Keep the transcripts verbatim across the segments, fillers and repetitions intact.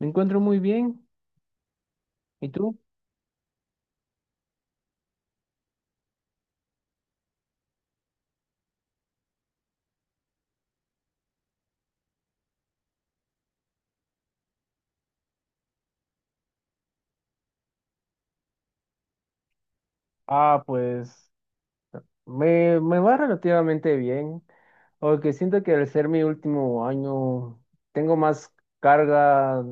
Me encuentro muy bien. ¿Y tú? Ah, pues me, me va relativamente bien, aunque siento que al ser mi último año tengo más carga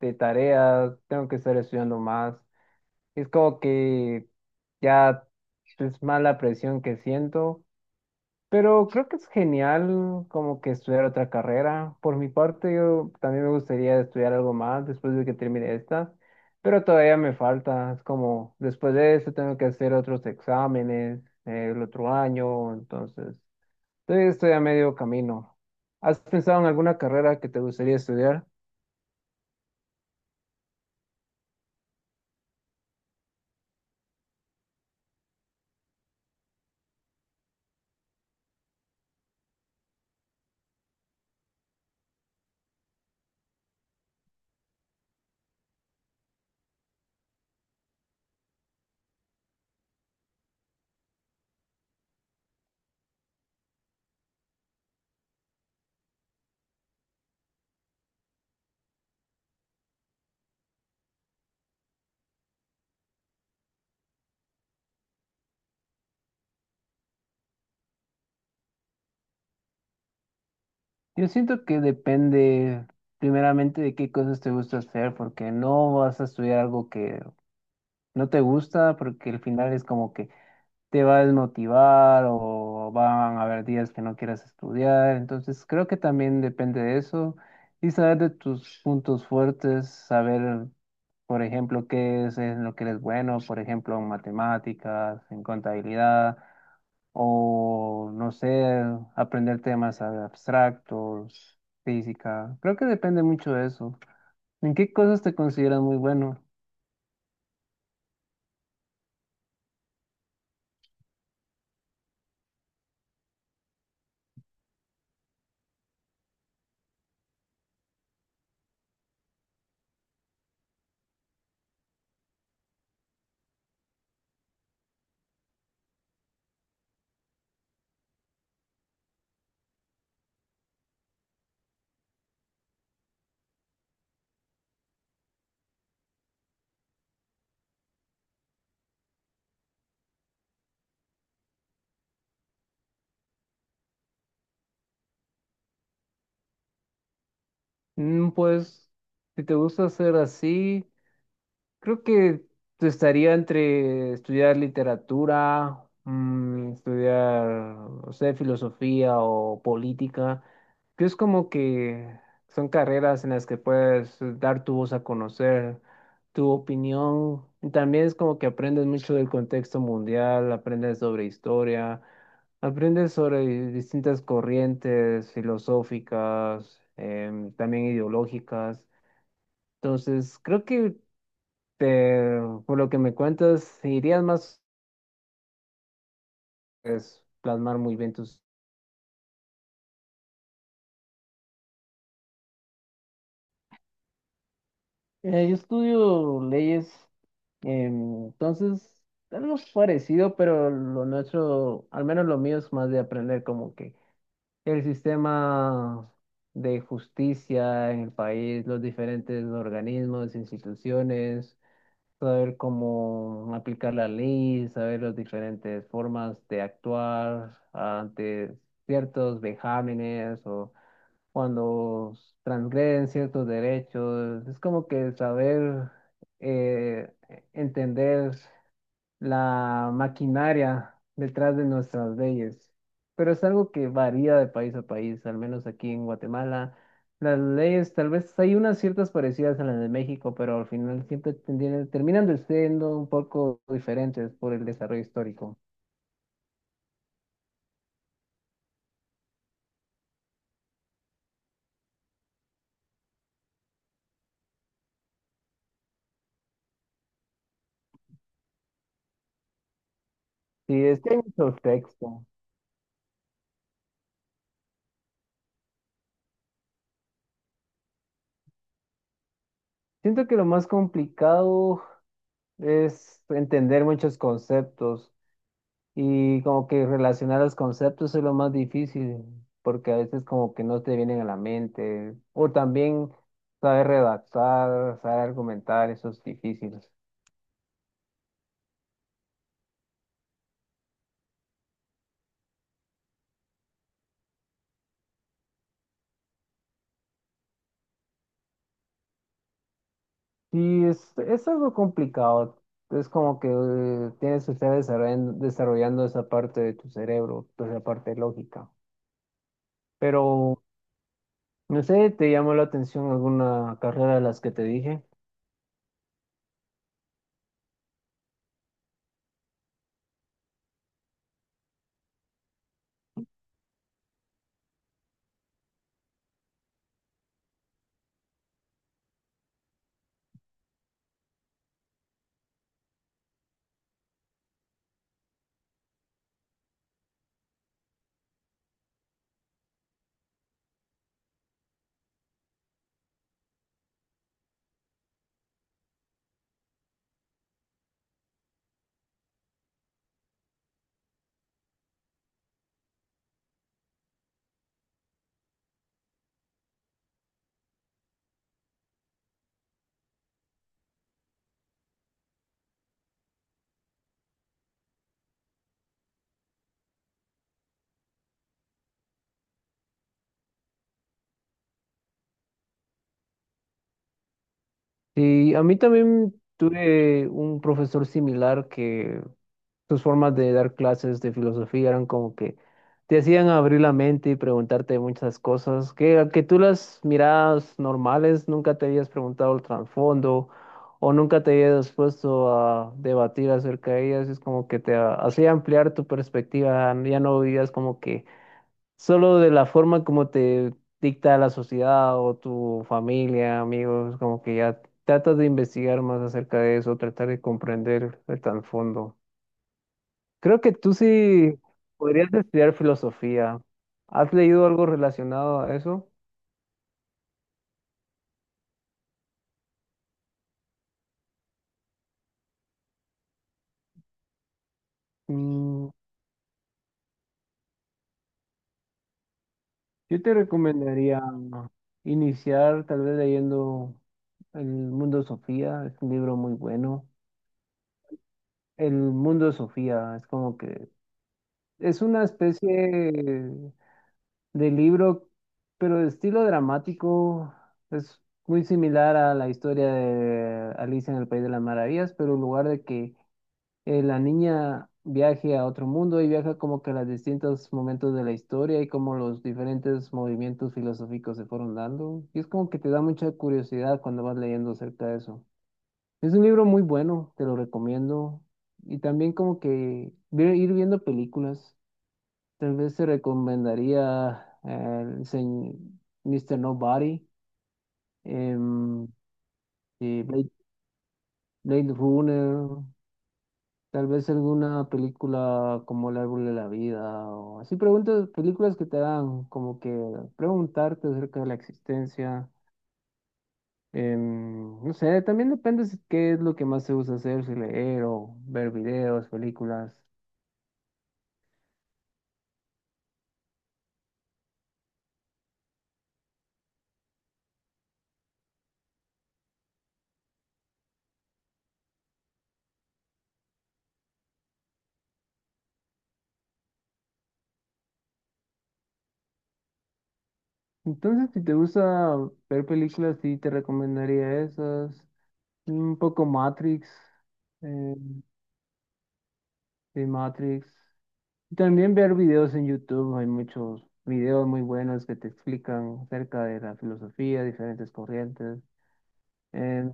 de tareas, tengo que estar estudiando más. Es como que ya es más la presión que siento, pero creo que es genial como que estudiar otra carrera. Por mi parte, yo también me gustaría estudiar algo más después de que termine esta, pero todavía me falta. Es como, después de eso tengo que hacer otros exámenes eh, el otro año, entonces todavía estoy a medio camino. ¿Has pensado en alguna carrera que te gustaría estudiar? Yo siento que depende primeramente de qué cosas te gusta hacer, porque no vas a estudiar algo que no te gusta, porque al final es como que te va a desmotivar o van a haber días que no quieras estudiar. Entonces, creo que también depende de eso y saber de tus puntos fuertes, saber, por ejemplo, qué es en lo que eres bueno, por ejemplo, en matemáticas, en contabilidad o, no sé, aprender temas abstractos, física. Creo que depende mucho de eso. ¿En qué cosas te consideras muy bueno? Mm, pues, si te gusta hacer así. Creo que te estaría entre estudiar literatura, mm, estudiar, no sé, filosofía o política, que es como que son carreras en las que puedes dar tu voz a conocer, tu opinión. Y también es como que aprendes mucho del contexto mundial, aprendes sobre historia, aprendes sobre distintas corrientes filosóficas, em, también ideológicas. Entonces, creo que te- por lo que me cuentas, irías más, pues, plasmar muy bien tus. Eh, yo estudio leyes, em, entonces algo parecido, pero lo nuestro, al menos lo mío es más de aprender como que el sistema de justicia en el país, los diferentes organismos, instituciones, saber cómo aplicar la ley, saber las diferentes formas de actuar ante ciertos vejámenes o cuando transgreden ciertos derechos. Es como que saber eh, entender la maquinaria detrás de nuestras leyes. Pero es algo que varía de país a país, al menos aquí en Guatemala. Las leyes, tal vez hay unas ciertas parecidas a las de México, pero al final siempre tendrían- terminan de siendo un poco diferentes por el desarrollo histórico. Sí, es que hay mucho texto. Siento que lo más complicado es entender muchos conceptos y como que relacionar los conceptos es lo más difícil, porque a veces como que no te vienen a la mente. O también saber redactar, saber argumentar, eso es difícil. Sí, es, es algo complicado. Es como que eh, tienes que estar desarrollando, desarrollando esa parte de tu cerebro, pues, esa parte lógica. Pero, no sé, ¿te llamó la atención alguna carrera de las que te dije? Sí, a mí también tuve un profesor similar que sus formas de dar clases de filosofía eran como que te hacían abrir la mente y preguntarte muchas cosas que, a que tú las mirabas normales, nunca te habías preguntado el trasfondo o nunca te habías puesto a debatir acerca de ellas. Es como que te ha- hacía ampliar tu perspectiva, ya no vivías como que solo de la forma como te dicta la sociedad o tu familia, amigos, como que ya tratas de investigar más acerca de eso, tratar de comprender el trasfondo. Creo que tú sí podrías estudiar filosofía. ¿Has leído algo relacionado a eso? Mm, yo te recomendaría iniciar tal vez leyendo El Mundo de Sofía, es un libro muy bueno. El Mundo de Sofía es como que es una especie de libro, pero de estilo dramático es muy similar a la historia de Alicia en el País de las Maravillas, pero en lugar de que eh, la niña viaje a otro mundo y viaja como que a los distintos momentos de la historia y como los diferentes movimientos filosóficos se fueron dando. Y es como que te da mucha curiosidad cuando vas leyendo acerca de eso. Es un libro muy bueno, te lo recomiendo. Y también como que ver- ir viendo películas. Tal vez te recomendaría eh, el señ- míster Nobody, em, y Blade, Blade Runner, tal vez alguna película como El Árbol de la Vida, o así preguntas, películas que te dan como que preguntarte acerca de la existencia. em, no sé, también depende si- qué es lo que más te gusta hacer, si leer o ver videos, películas. Entonces, si te gusta ver películas, sí te recomendaría esas. Un poco Matrix, eh, de Matrix. Y también ver videos en YouTube, hay muchos videos muy buenos que te explican acerca de la filosofía, diferentes corrientes. Eh,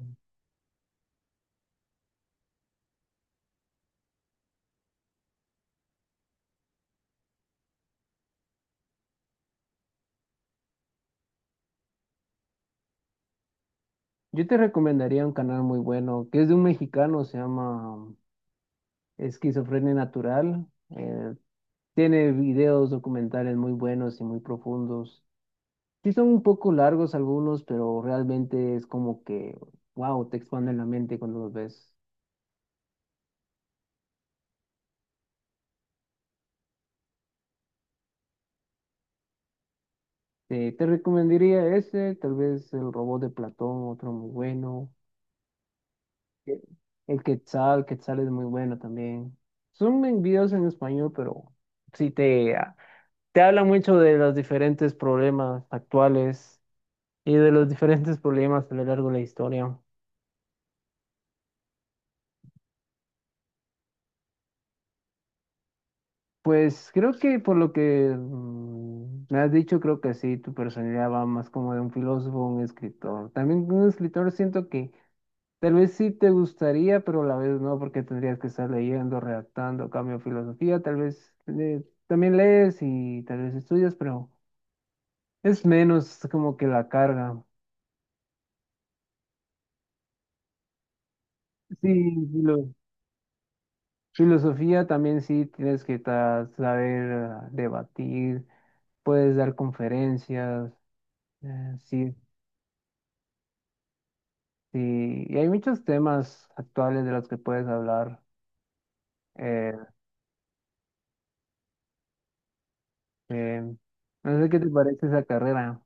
yo te recomendaría un canal muy bueno, que es de un mexicano, se llama um, Esquizofrenia Natural. Eh, tiene videos documentales muy buenos y muy profundos. Sí son un poco largos algunos, pero realmente es como que, wow, te expanden la mente cuando los ves. Eh, te recomendaría ese, tal vez el robot de Platón, otro muy bueno. Eh, El Quetzal, Quetzal es muy bueno también. Son en videos en español, pero sí te, ah, te habla mucho de los diferentes problemas actuales y de los diferentes problemas a lo largo de la historia. Pues creo que por lo que mm, me has dicho, creo que sí, tu personalidad va más como de un filósofo, un escritor. También un escritor siento que tal vez sí te gustaría, pero a la vez no, porque tendrías que estar leyendo, redactando, cambio de filosofía, tal vez eh, también lees y tal vez estudias, pero es menos como que la carga. Sí, filo- filosofía también sí tienes que ta- saber ah, debatir, puedes dar conferencias, eh, sí, sí, y hay muchos temas actuales de los que puedes hablar. eh, eh, no sé qué te parece esa carrera.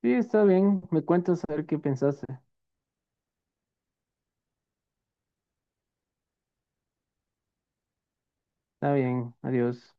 Sí, está bien, me cuentas a ver qué pensaste. Está bien, adiós.